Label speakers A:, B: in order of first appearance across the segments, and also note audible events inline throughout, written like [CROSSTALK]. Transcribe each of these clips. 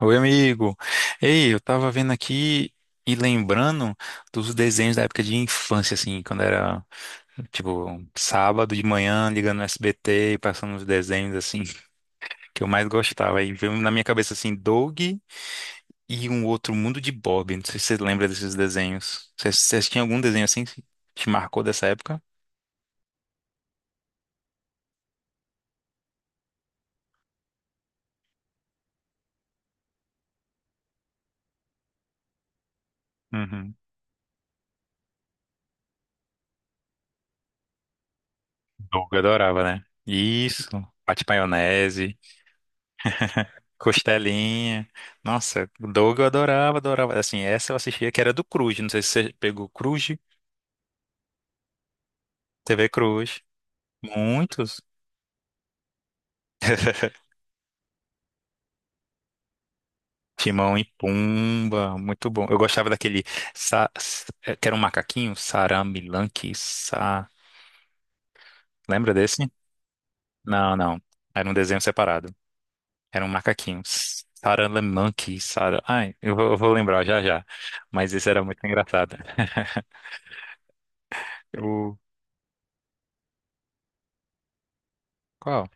A: Oi, amigo. Ei, eu tava vendo aqui e lembrando dos desenhos da época de infância, assim, quando era, tipo, sábado de manhã, ligando no SBT e passando os desenhos, assim, [LAUGHS] que eu mais gostava. Aí veio na minha cabeça, assim, Doug e um outro Mundo de Bob. Não sei se você lembra desses desenhos. Você tinha algum desenho assim que te marcou dessa época? Uhum. Doug, eu adorava, né? Isso. Pate Maionese. Costelinha. Nossa, o Doug eu adorava, adorava. Assim, essa eu assistia que era do Cruz. Não sei se você pegou Cruz, TV Cruz. Muitos. [LAUGHS] Timão e Pumba, muito bom. Eu gostava daquele que era um macaquinho, Saramilanque, sa. Lembra desse? Não, não. Era um desenho separado. Era um macaquinho. Saramilanque, Sara. Ai, eu vou lembrar já já. Mas esse era muito engraçado. O qual?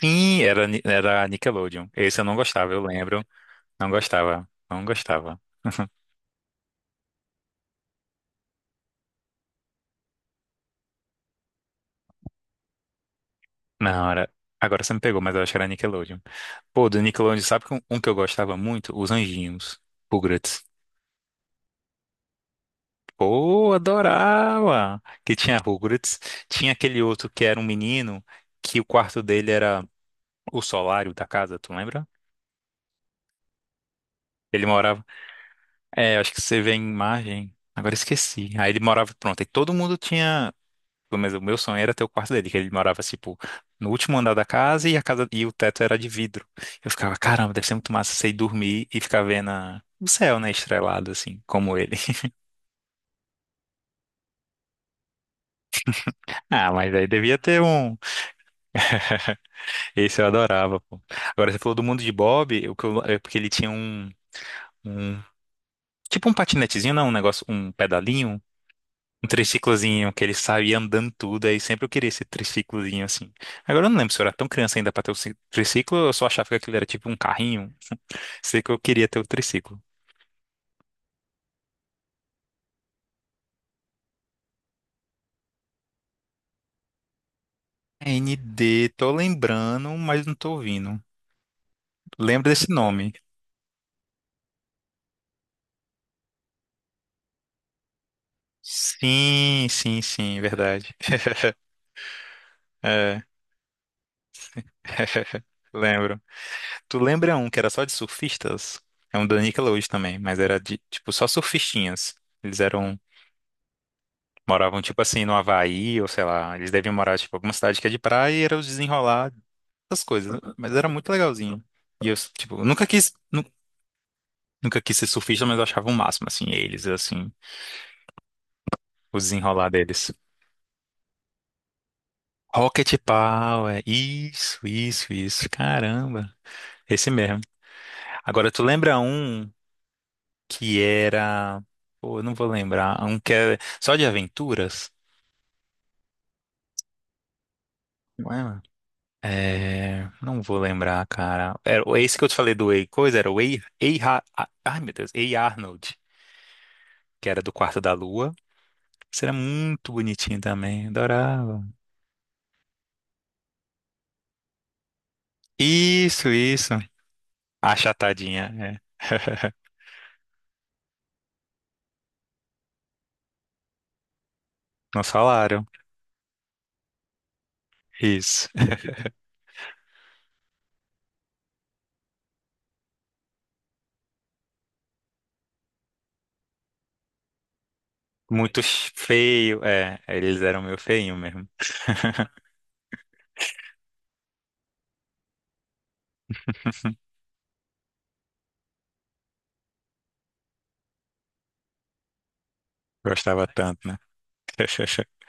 A: Sim, era, era Nickelodeon. Esse eu não gostava, eu lembro. Não gostava, não gostava. [LAUGHS] Na hora. Agora você me pegou, mas eu acho que era Nickelodeon. Pô, do Nickelodeon, sabe que um que eu gostava muito? Os Anjinhos. Rugrats. Pô, adorava! Que tinha Rugrats. Tinha aquele outro que era um menino, que o quarto dele era o solário da casa, tu lembra? Ele morava. É, acho que você vê a imagem. Agora esqueci. Aí ele morava, pronto. E todo mundo tinha. Mas o meu sonho era ter o quarto dele, que ele morava, tipo, no último andar da casa e a casa e o teto era de vidro. Eu ficava, caramba, deve ser muito massa você ir dormir e ficar vendo o céu, né, estrelado, assim, como ele. [LAUGHS] Ah, mas aí devia ter um. Esse eu adorava, pô. Agora, você falou do mundo de Bob, é porque ele tinha um, um- tipo um patinetezinho, não, um negócio, um pedalinho, um triciclozinho que ele saía andando tudo, aí sempre eu queria esse triciclozinho assim. Agora eu não lembro se eu era tão criança ainda pra ter o triciclo, ou eu só achava que aquilo era tipo um carrinho. [LAUGHS] Sei que eu queria ter o triciclo. ND, tô lembrando, mas não tô ouvindo. Lembro desse nome. Sim, sim, sim, verdade. É, [LAUGHS] lembro. Tu lembra um que era só de surfistas? É um da Nickelodeon também, mas era de, tipo, só surfistinhas. Eles eram moravam, tipo assim, no Havaí, ou sei lá. Eles deviam morar, tipo, alguma cidade que é de praia e era os desenrolar essas coisas. Né? Mas era muito legalzinho. E eu, tipo, eu nunca quis, nu- nunca quis ser surfista, mas eu achava o máximo, assim, eles, assim, o desenrolar deles. Rocket Power, isso, isso, isso. Caramba, esse mesmo. Agora, tu lembra um que era. Pô, eu não vou lembrar. Um que é só de aventuras? É, não vou lembrar, cara. Era, esse que eu te falei do Ei Coisa era o Ai, meu Deus, Ei Arnold, que era do Quarto da Lua. Isso era muito bonitinho também, adorava. Isso, isso. Achatadinha, é. [LAUGHS] Não falaram. Isso. Muito feio, é. Eles eram meio feinho mesmo. [LAUGHS] Gostava tanto, né? [LAUGHS]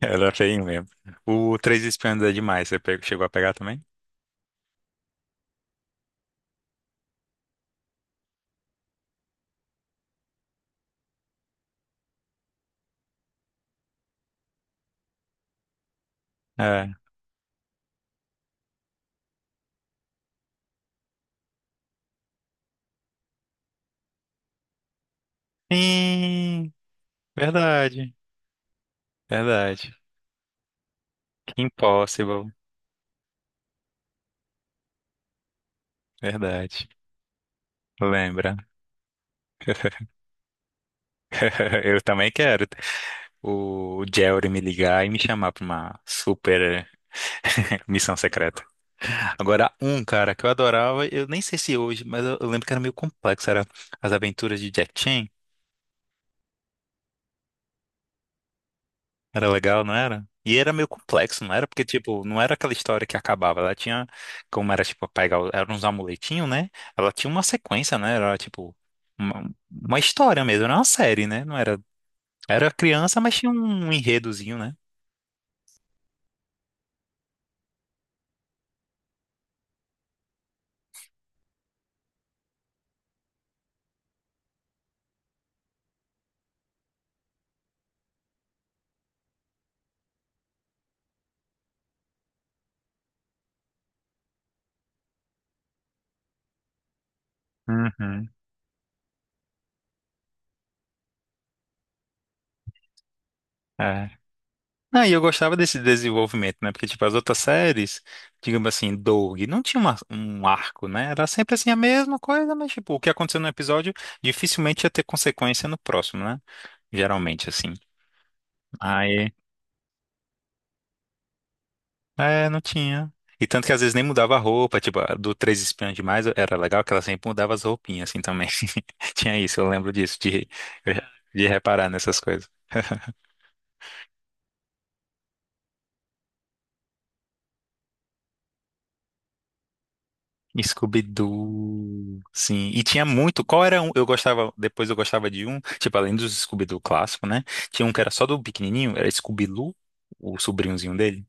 A: Era feinho mesmo. O Três Espiãs é demais. Chegou a pegar também? É. Sim, verdade. Verdade. Impossible. Verdade. Lembra? [LAUGHS] Eu também quero o Jerry me ligar e me chamar pra uma super [LAUGHS] missão secreta. Agora, um cara que eu adorava, eu nem sei se hoje, mas eu lembro que era meio complexo. Era As Aventuras de Jack Chan. Era legal, não era? E era meio complexo, não era? Porque, tipo, não era aquela história que acabava. Ela tinha, como era, tipo, pegar, eram uns amuletinhos, né? Ela tinha uma sequência, né? Era, tipo, uma, uma história mesmo, não era uma série, né? Não era. Era criança, mas tinha um enredozinho, né? Uhum, é. Ah, e eu gostava desse desenvolvimento, né? Porque, tipo, as outras séries, digamos assim, Doug, não tinha um arco, né? Era sempre assim a mesma coisa, mas, tipo, o que aconteceu no episódio dificilmente ia ter consequência no próximo, né? Geralmente, assim. Aí, é, não tinha. E tanto que às vezes nem mudava a roupa, tipo, a do Três Espiãs Demais era legal que ela sempre mudava as roupinhas, assim, também. [LAUGHS] Tinha isso, eu lembro disso, de reparar nessas coisas. Scooby-Doo, sim. E tinha muito. Qual era um? Eu gostava. Depois eu gostava de um. Tipo, além dos Scooby-Doo clássico, né? Tinha um que era só do pequenininho. Era Scooby-Loo, o sobrinhozinho dele.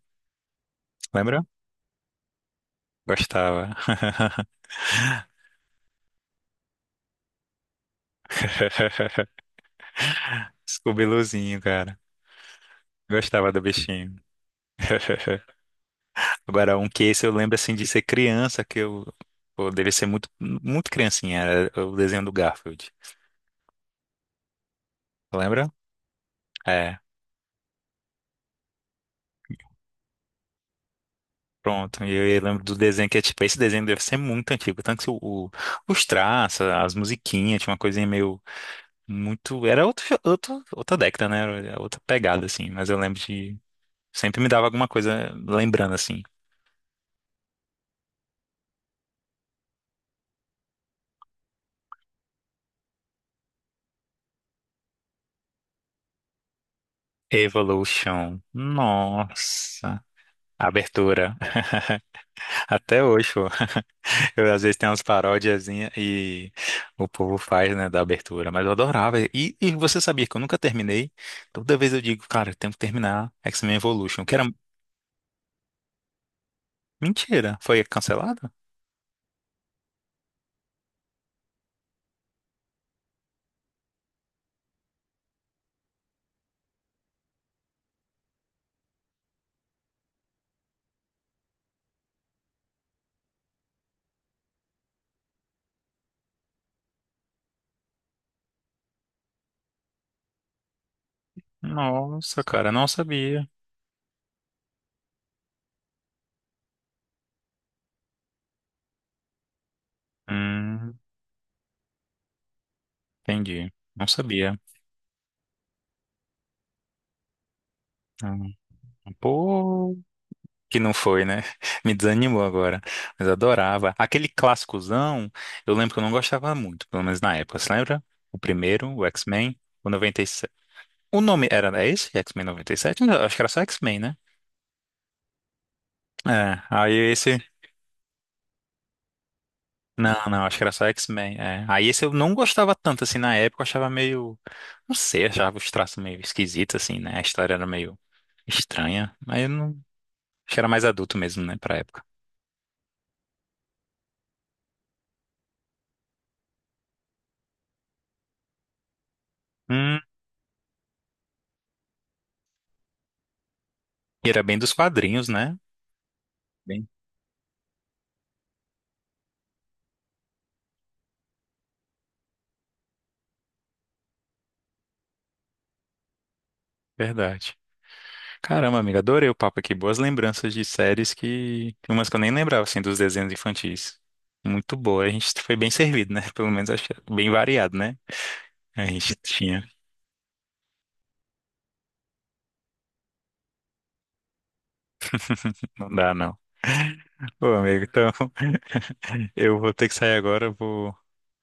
A: Lembra? Gostava. [LAUGHS] Scooby-Loozinho, cara. Gostava do bichinho. [LAUGHS] Agora, um que esse eu lembro assim de ser criança, que eu. Pô, devia ser muito, muito criancinha. Era o desenho do Garfield. Lembra? É. Pronto, e eu lembro do desenho que é tipo, esse desenho deve ser muito antigo, tanto que o- os traços, as musiquinhas, tinha uma coisinha meio muito, era outra década, né? Era outra pegada assim, mas eu lembro de sempre me dava alguma coisa lembrando assim. Evolution. Nossa, abertura. [LAUGHS] Até hoje, pô. Eu, às vezes tem umas parodiazinhas e o povo faz, né, da abertura, mas eu adorava. E você sabia que eu nunca terminei? Toda vez eu digo, cara, eu tenho que terminar X-Men Evolution, que era mentira. Foi cancelado? Nossa, cara, não sabia. Hum, entendi. Não sabia. Hum, Pô, que não foi, né? [LAUGHS] Me desanimou agora. Mas eu adorava. Aquele clássicozão, eu lembro que eu não gostava muito, pelo menos na época. Você lembra? O primeiro, o X-Men, o 97. O nome era, é esse? X-Men 97? Não, acho que era só X-Men, né? É, aí esse. Não, não, acho que era só X-Men. É. Aí esse eu não gostava tanto, assim, na época, eu achava meio. Não sei, achava os traços meio esquisitos, assim, né? A história era meio estranha, mas eu não. Acho que era mais adulto mesmo, né, pra época. Hum, e era bem dos quadrinhos, né? Bem, verdade. Caramba, amiga, adorei o papo aqui. Boas lembranças de séries que. Umas que eu nem lembrava, assim, dos desenhos infantis. Muito boa. A gente foi bem servido, né? [LAUGHS] Pelo menos acho que é bem variado, né? A gente tinha. Não dá, não. Pô, amigo, então [LAUGHS] eu vou ter que sair agora, vou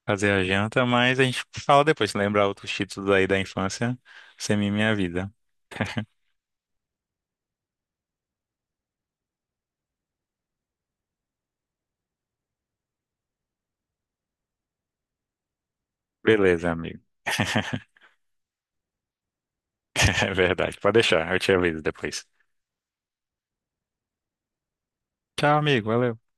A: fazer a janta, mas a gente fala depois. Se lembrar outros títulos aí da infância, você me minha vida. Beleza, amigo. [LAUGHS] É verdade. Pode deixar, eu te aviso depois. Tchau, amigo. Valeu.